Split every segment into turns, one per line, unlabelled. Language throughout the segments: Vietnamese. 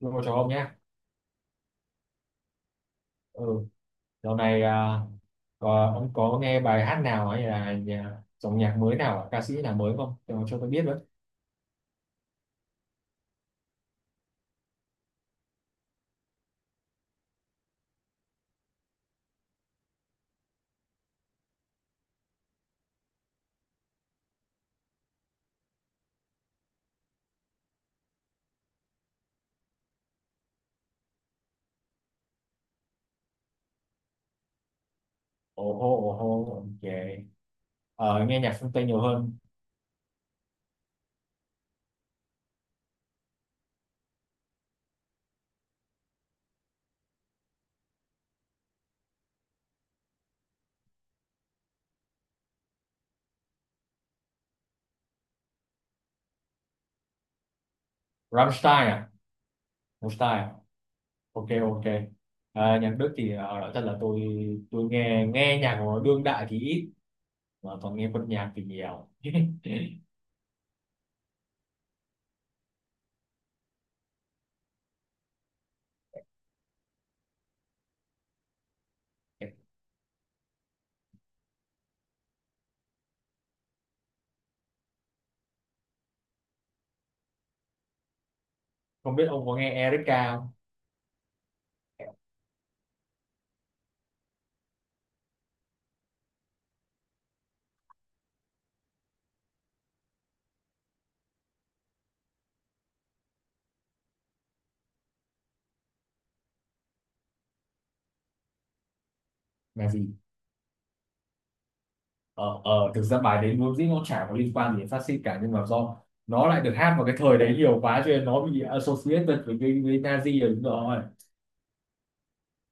Đúng rồi, chào ông nhé. Ừ, dạo này à, có, ông có nghe bài hát nào hay là nhà, dòng nhạc mới nào, ca sĩ nào mới không? Cho tôi biết với. Ồ hô, ok. Ờ, Nghe nhạc phương Tây nhiều hơn. Rammstein à? Rammstein à? Ok, ok. À, nhạc Đức thì nói thật là tôi nghe nghe nhạc của đương đại thì ít, mà toàn nghe quân nhạc thì nhiều. Không biết ông có nghe Erika không? Là gì? Ờ, thực ra bài đấy vốn dĩ nó chả có liên quan gì đến phát xít cả, nhưng mà do nó lại được hát vào cái thời đấy nhiều quá cho nên nó bị associated với cái, với Nazi rồi, đúng rồi,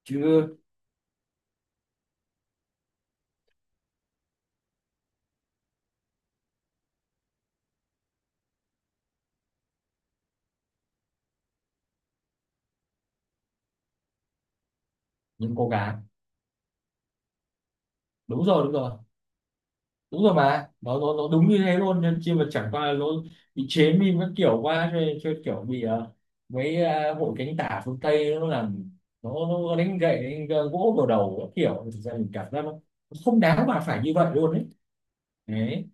chứ những cô gái đúng rồi, đúng rồi, đúng rồi, mà nó đúng như thế luôn, nên chi mà chẳng qua là nó bị chế meme các kiểu quá cho nên kiểu bị mấy hội cánh tả phương Tây nó làm nó, nó đánh gậy đánh gỗ vào đầu các kiểu. Thực ra mình cảm giác nó không đáng mà phải như vậy luôn đấy. Đấy,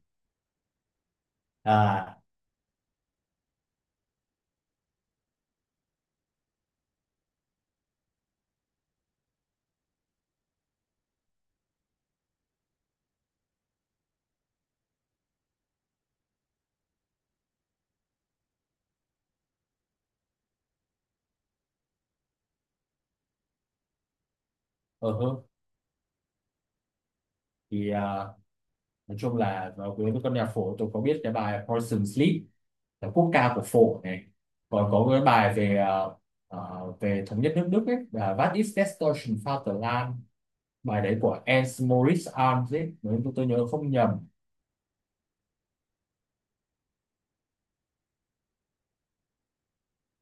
à, ờ hơ. Thì nói chung là nó, với con nhạc phổ tôi có biết cái bài Poison Sleep là quốc ca của phổ này, còn có cái bài về về thống nhất nước Đức ấy là What is Destruction Vaterland, bài đấy của Ernst Moritz Arndt ấy nếu tôi nhớ không nhầm.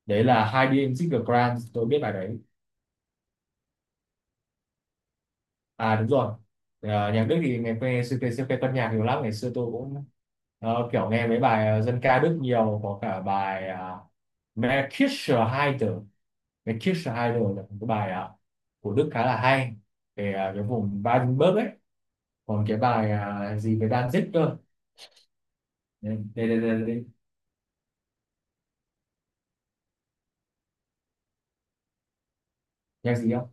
Đấy là Heidi im Grant, tôi biết bài đấy. À đúng rồi. Ờ, nhạc Đức thì ngày xưa xưa, xưa cái con nhạc nhiều lắm, ngày xưa tôi cũng kiểu nghe mấy bài dân ca Đức nhiều, có cả bài uh, Märkische Heide, cái Kiss the Idol là một cái bài của Đức khá là hay về cái vùng Baden-Württemberg ấy, còn cái bài gì về Danzig cơ. Đây đây đây, đây, đây. Nhạc gì không.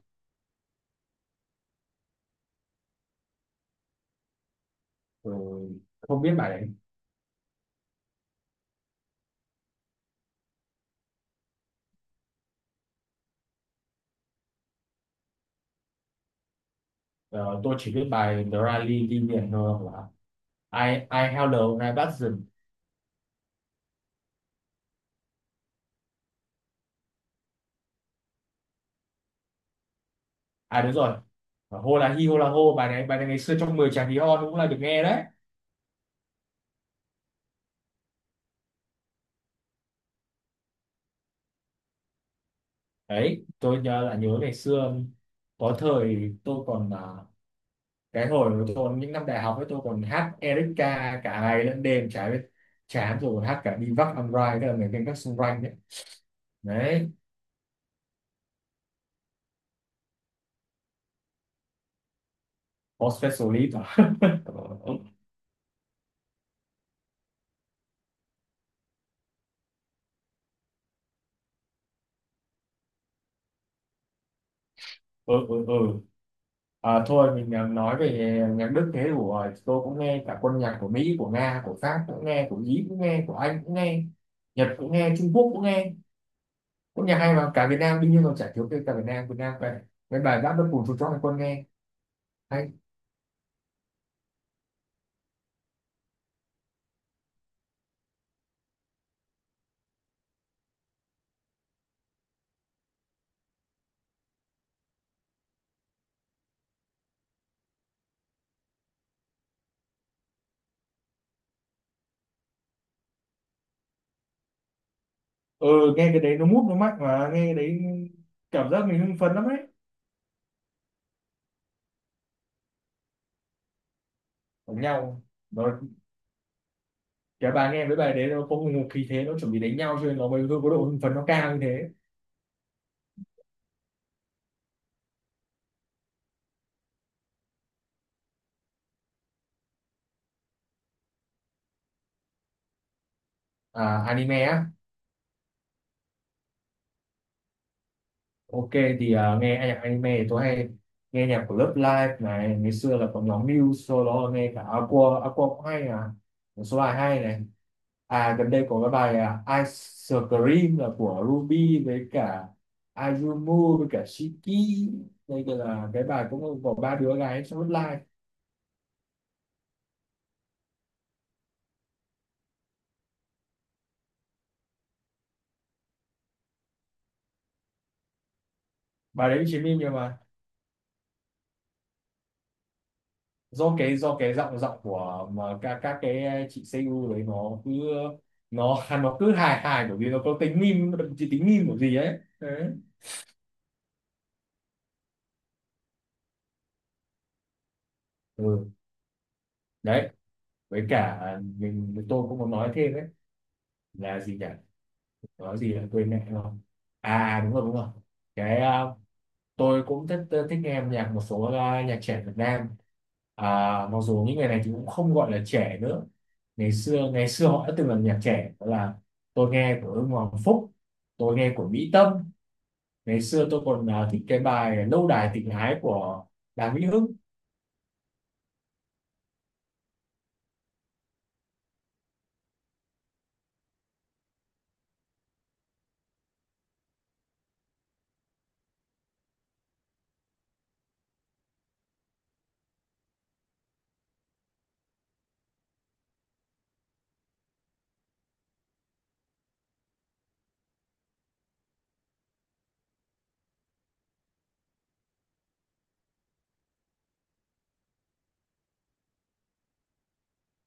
Ừ, không biết bài đấy. Ờ, tôi chỉ biết bài The Rally đi biển thôi, hoặc là I Held the Horizon. À đúng rồi, và là hi hô là hô, bài này ngày xưa trong 10 chàng hí hon cũng là được nghe đấy. Đấy tôi nhớ là nhớ ngày xưa có thời tôi còn cái hồi tôi những năm đại học ấy, tôi còn hát Erika cả ngày lẫn đêm chả biết chán, rồi còn hát cả Divac Amrai tức là người canh gác xung quanh đấy. Đấy, có specialist à? Ừ ừ ừ ừ. À, thôi mình nói về nhạc Đức thế đủ rồi. Tôi cũng nghe cả quân nhạc của Mỹ, của Nga, của Pháp cũng nghe, của Ý cũng nghe, của Anh cũng nghe, Nhật cũng nghe, Trung Quốc cũng nghe, quân nhạc hay mà, cả Việt Nam đương nhiên, còn chả thiếu cái cả Việt Nam Việt Nam vậy, cái bài giáp đất bùn chuột chóc hay quân nghe hay. Ừ nghe cái đấy nó mút nó mạnh, mà nghe cái đấy cảm giác mình hưng phấn lắm đấy. Đánh nhau, nó, cái bài nghe với bài đấy nó có một khí thế nó chuẩn bị đánh nhau, cho nên nó mới có độ hưng phấn nó cao như thế. À anime á. Ok, thì nghe nhạc anime thì tôi hay nghe nhạc của Love Live này, ngày xưa là có nhóm Muse, sau đó nghe cả Aqua, Aqua cũng hay à, một số bài hay này. À gần đây có cái bài Ice Cream là của Ruby với cả Ayumu với cả Shiki, đây là cái bài cũng có ba đứa gái trong Love Live. Bài đấy chỉ meme nhưng mà do cái giọng giọng của mà các cái chị CU đấy nó cứ nó nó cứ hài hài, bởi vì nó có tính meme, chỉ tính meme của gì ấy đấy. Ừ, đấy với cả mình tôi cũng muốn nói thêm đấy, là gì nhỉ, nói gì là quên mẹ rồi. À đúng rồi đúng rồi, cái tôi cũng thích thích nghe âm nhạc một số nhạc trẻ Việt Nam, à, mặc dù những người này thì cũng không gọi là trẻ nữa, ngày xưa họ đã từng là nhạc trẻ đó là tôi nghe của Ưng Hoàng Phúc, tôi nghe của Mỹ Tâm. Ngày xưa tôi còn thích cái bài Lâu đài tình ái của Đàm Vĩnh Hưng.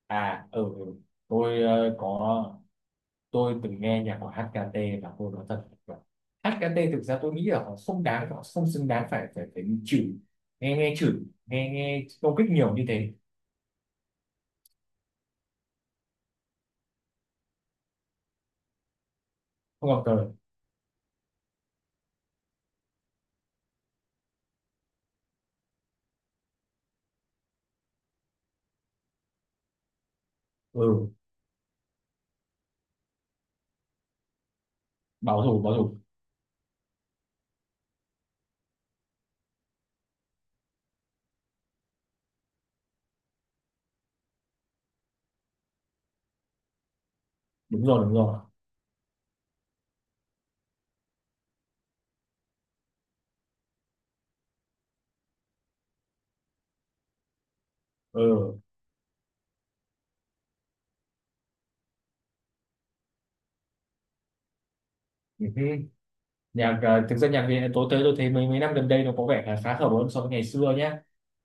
À ừ ừ. Tôi có, tôi từng nghe nhạc của HKT, và tôi nói thật là HKT thực ra tôi nghĩ là họ không đáng, họ không xứng đáng phải phải phải bị chửi, nghe nghe chửi, nghe nghe công kích nhiều như thế. Không gặp trời. Ừ bảo thủ đúng rồi đúng rồi. Ừ ừ. Nhạc thực ra nhạc Việt tôi tới tôi thấy mấy mấy năm gần đây nó có vẻ là khá khá hơn so với ngày xưa nhé.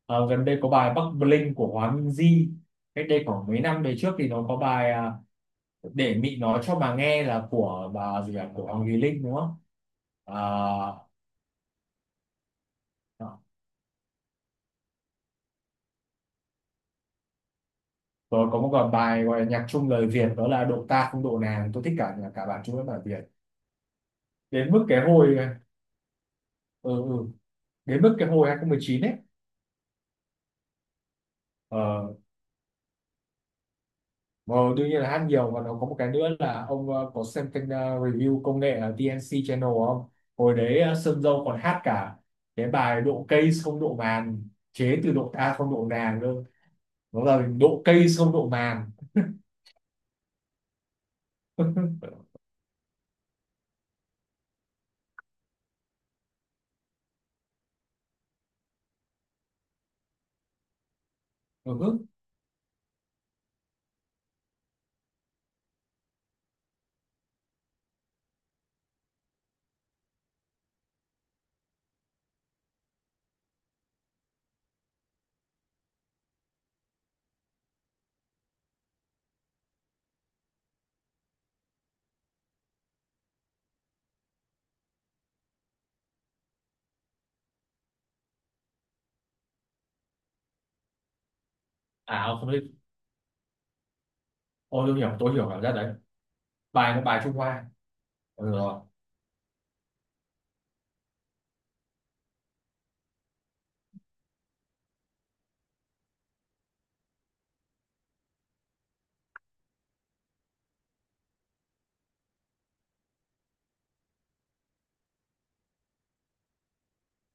Ờ, gần đây có bài Bắc Bling của Hòa Minzy, cách đây khoảng mấy năm về trước thì nó có bài để Mị nói cho mà nghe là của bà gì của Hoàng Thùy Linh đúng không. À, rồi có một còn bài gọi là nhạc trung lời Việt, đó là độ ta không độ nàng, tôi thích cả cả bản trung với bản Việt, đến mức cái hồi à, ừ, ừ. Đến mức cái hồi 2019 ấy, ờ, Ờ, đương nhiên là hát nhiều, và nó có một cái nữa là ông có xem kênh review công nghệ ở TNC Channel không? Hồi đấy Sơn Dâu còn hát cả cái bài độ cây không độ màn, chế từ độ ta không độ nàng cơ. Nó là độ cây không độ màn. Ừ. À ông không biết. Ôi tôi hiểu cảm giác đấy. Bài nó bài Trung Hoa. Ừ rồi.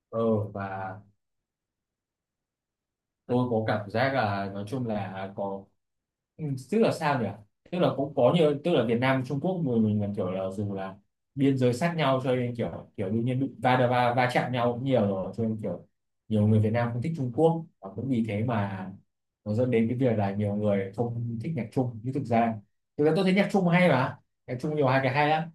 Ừ, và tôi có cảm giác là nói chung là có, ừ, tức là sao nhỉ, tức là cũng có nhiều, tức là Việt Nam Trung Quốc mình là kiểu là dù là biên giới sát nhau cho nên kiểu kiểu đương nhiên bị va đập- va va chạm nhau cũng nhiều rồi, cho nên kiểu nhiều người Việt Nam không thích Trung Quốc, và cũng vì thế mà nó dẫn đến cái việc là nhiều người không thích nhạc Trung, nhưng thực ra tôi thấy nhạc Trung hay mà, nhạc Trung nhiều hai cái hay lắm.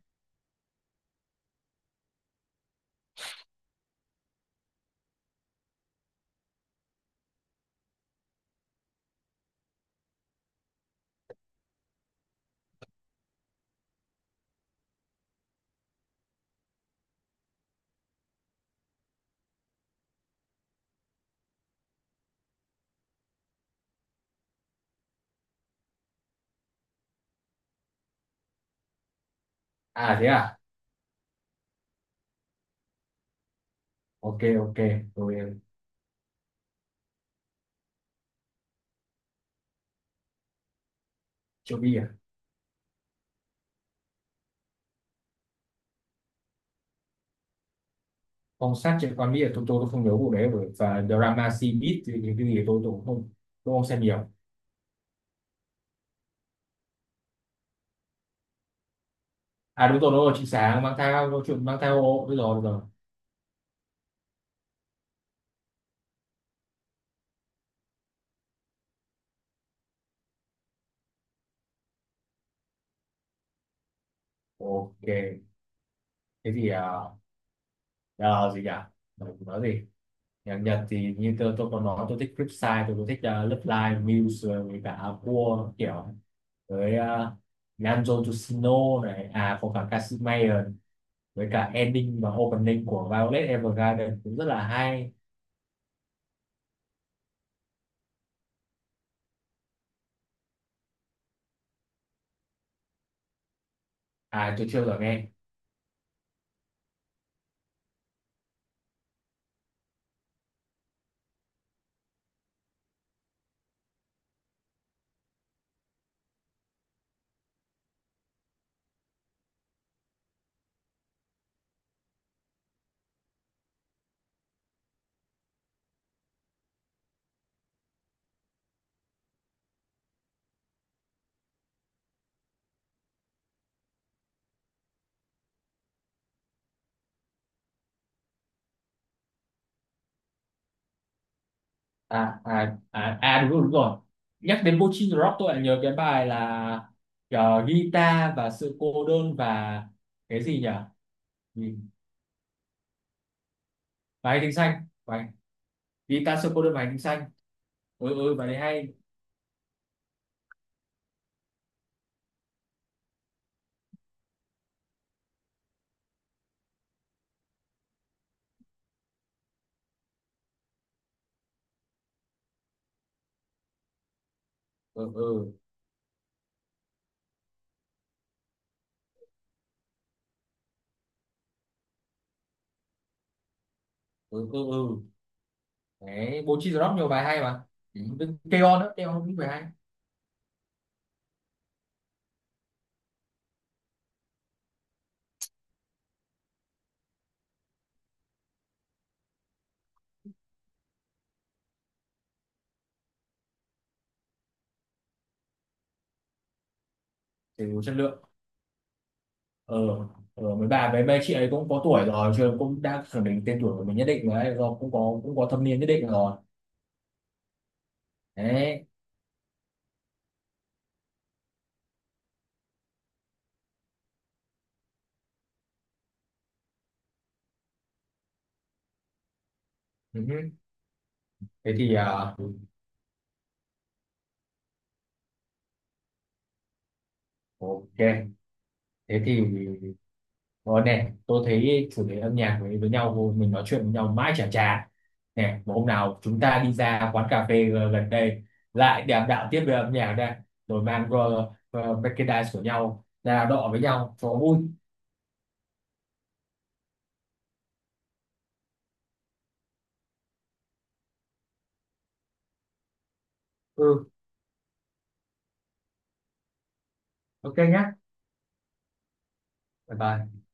À thế à. Ok ok. Rồi chưa biết à, phong sát trên con Mỹ là tôi tôi không nhớ vụ đấy rồi, và drama C Beat thì cái gì tôi cũng không, tôi không xem nhiều. À đúng rồi đúng rồi, chị sáng mang theo câu chuyện mang theo ô, đúng rồi đúng rồi. Ok, thế thì gì nhỉ, nói gì. Nhạc Nhật thì như tôi còn nói tôi thích Flipside, tôi cũng thích Love Live Muse rồi với cả Aqua kiểu, với Nanjo Yoshino này, à có cả Kashmir, với cả ending và opening của Violet Evergarden cũng rất là hay. À tôi chưa bao giờ nghe. À à à, à đúng rồi đúng rồi, nhắc đến Bochin Rock tôi lại nhớ cái bài là guitar và sự cô đơn và cái gì nhỉ. Ừ, bài hành tinh xanh, bài guitar sự cô đơn và hành tinh xanh. Ừ ừ bài đấy hay. Ừ ừ ừ ừ ừ đấy, Bochin Rock nhiều bài hay mà. Ừ. Keon đó, Keon cũng bài hay, thì đủ chất lượng. Ờ ờ mấy bà mấy mấy chị ấy cũng có tuổi rồi chứ, cũng đang khẳng định tên tuổi của mình nhất định rồi ấy, rồi cũng có thâm niên nhất định rồi. Đấy, Ừ. Thế thì à, ok, thế thì rồi nè, tôi thấy chủ đề âm nhạc với nhau mình nói chuyện với nhau mãi chả chả. Nè, một hôm nào chúng ta đi ra quán cà phê g- gần đây lại đàm đạo tiếp về âm nhạc đây, rồi mang merchandise của nhau ra đọ với nhau cho vui. Ừ, ok nhá. Bye bye.